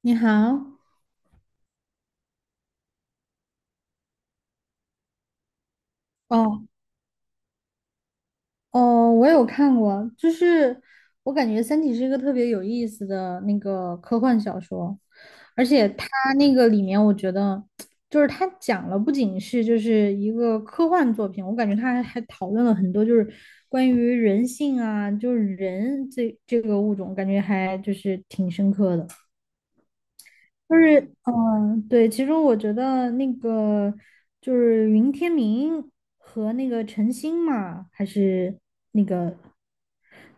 你好。哦哦，我有看过。就是我感觉《三体》是一个特别有意思的那个科幻小说，而且它那个里面，我觉得就是它讲了不仅是就是一个科幻作品，我感觉它还讨论了很多就是关于人性啊，就是人这个物种，感觉还就是挺深刻的。就是，嗯，对，其实我觉得那个就是云天明和那个陈星嘛，还是那个，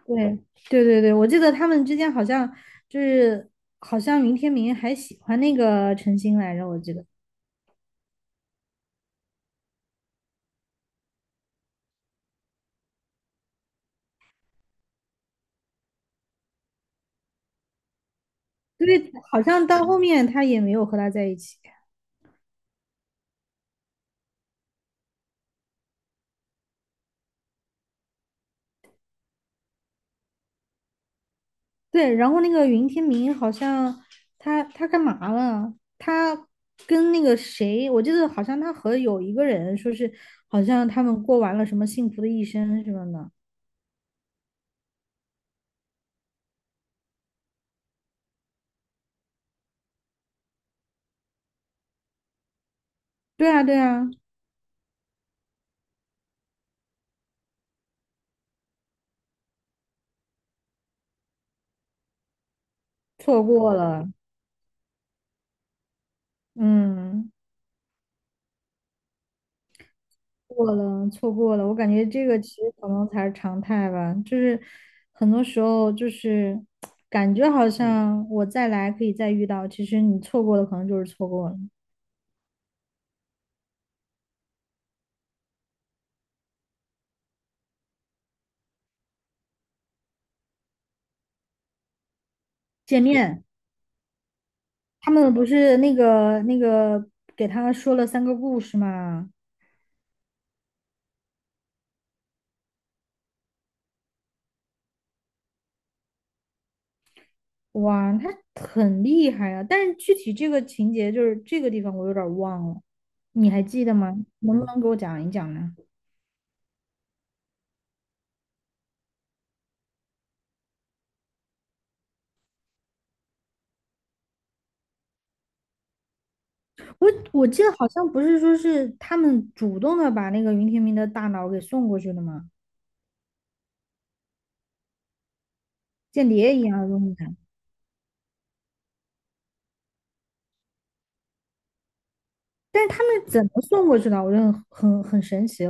对，对对对，我记得他们之间好像就是好像云天明还喜欢那个陈星来着，我记得，因为好像到后面他也没有和他在一起。对，然后那个云天明好像他干嘛了？他跟那个谁，我记得好像他和有一个人说是，好像他们过完了什么幸福的一生什么的。对啊，对啊，错过了。嗯，错过了。我感觉这个其实可能才是常态吧，就是很多时候就是感觉好像我再来可以再遇到，其实你错过的可能就是错过了。见面他们不是那个给他说了3个故事嘛？哇，他很厉害啊！但是具体这个情节就是这个地方我有点儿忘了，你还记得吗？能不能给我讲一讲呢？我我记得好像不是说是他们主动的把那个云天明的大脑给送过去的吗？间谍一样的东西。但是他们怎么送过去的？我觉得很神奇，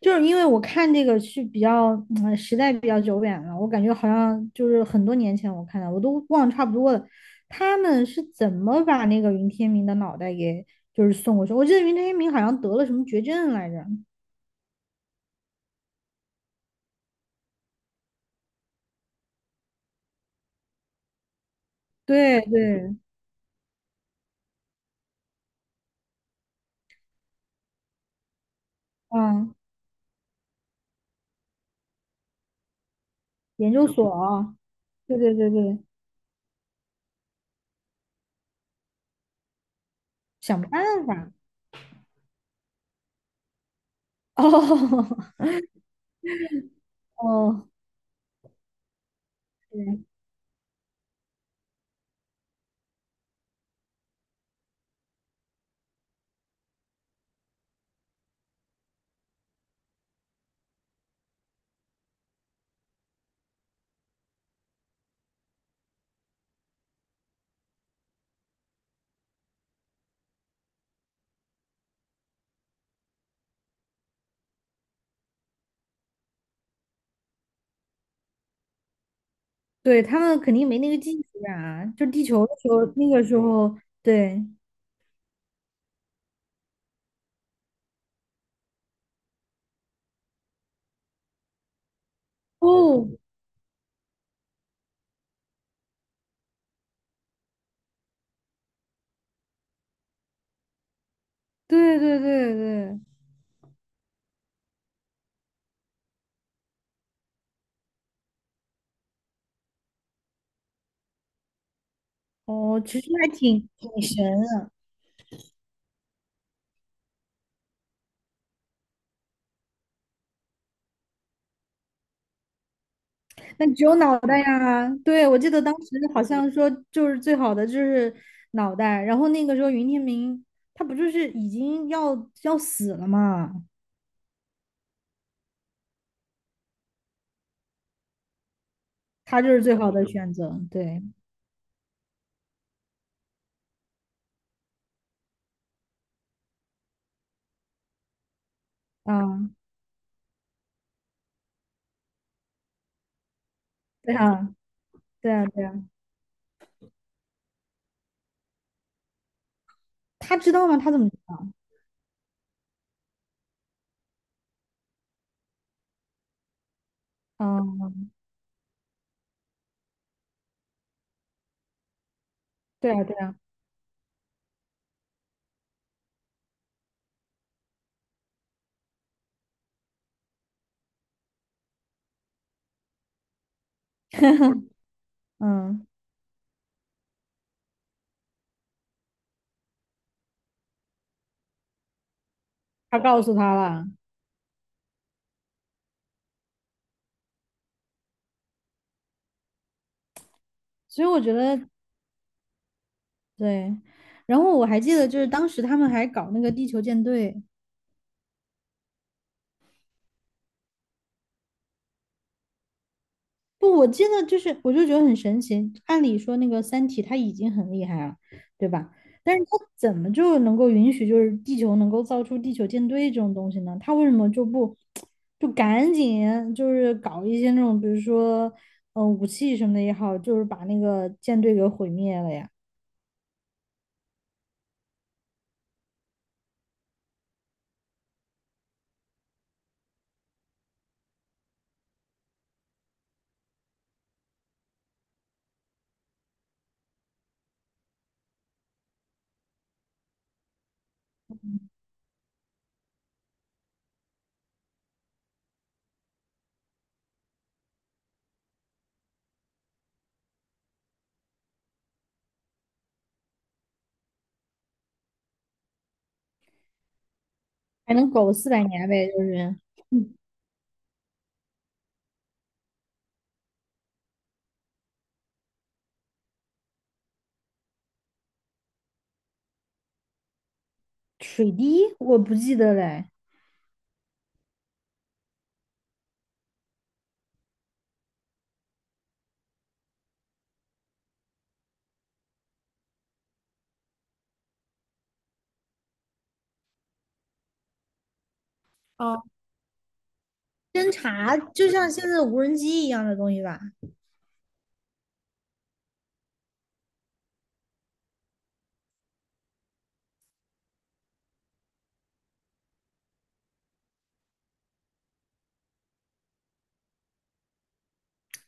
就是因为我看这个是比较，嗯，时代比较久远了，我感觉好像就是很多年前我看的，我都忘差不多了。他们是怎么把那个云天明的脑袋给就是送过去？我记得云天明好像得了什么绝症来着。对对，嗯，研究所，对对对对，想办法。哦哦，对，对他们肯定没那个技术啊，就地球的时候，那个时候，对。哦，对对对对，哦，其实还挺神的。那只有脑袋呀，对，我记得当时好像说就是最好的就是脑袋，然后那个时候云天明他不就是已经要死了嘛，他就是最好的选择。对，啊，对啊，对啊，对啊，他知道吗？他怎么知道？啊，对啊，对啊，嗯，他告诉他了，所以我觉得对。然后我还记得就是当时他们还搞那个地球舰队。不，我记得就是，我就觉得很神奇。按理说，那个《三体》它已经很厉害了，对吧？但是它怎么就能够允许，就是地球能够造出地球舰队这种东西呢？它为什么就不就赶紧就是搞一些那种，比如说，武器什么的也好，就是把那个舰队给毁灭了呀？还能苟400年呗？就是，嗯，水滴我不记得嘞。哦，侦察就像现在的无人机一样的东西吧？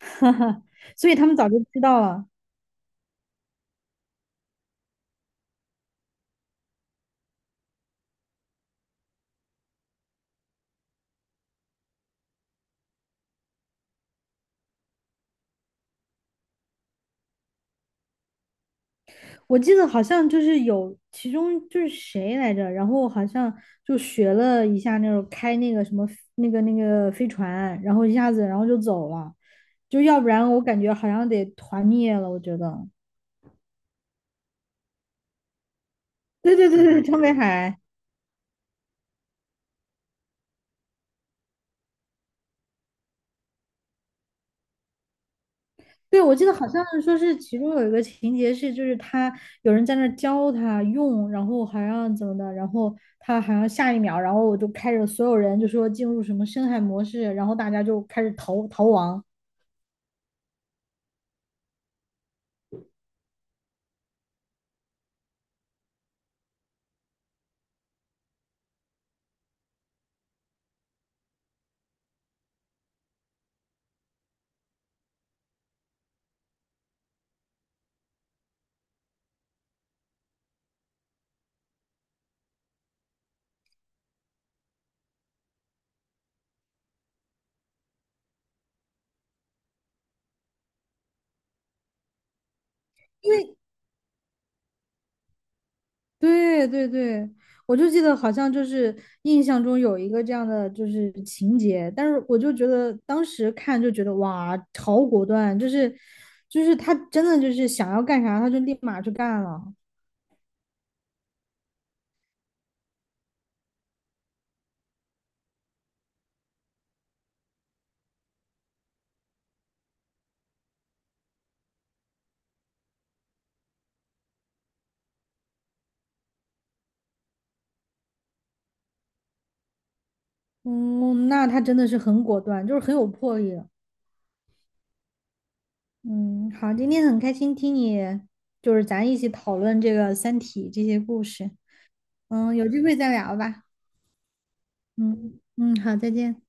所以他们早就知道了。我记得好像就是有其中就是谁来着，然后好像就学了一下那种开那个什么那个飞船，然后一下子然后就走了，就要不然我感觉好像得团灭了，我觉得。对对对对，张北海。对，我记得好像是说是其中有一个情节是，就是他有人在那儿教他用，然后好像怎么的，然后他好像下一秒，然后我就开着所有人就说进入什么深海模式，然后大家就开始逃亡。对对对，我就记得好像就是印象中有一个这样的就是情节，但是我就觉得当时看就觉得哇，好果断，就是他真的就是想要干啥他就立马去干了。嗯，那他真的是很果断，就是很有魄力。嗯，好，今天很开心听你，就是咱一起讨论这个《三体》这些故事。嗯，有机会再聊吧。嗯嗯，好，再见。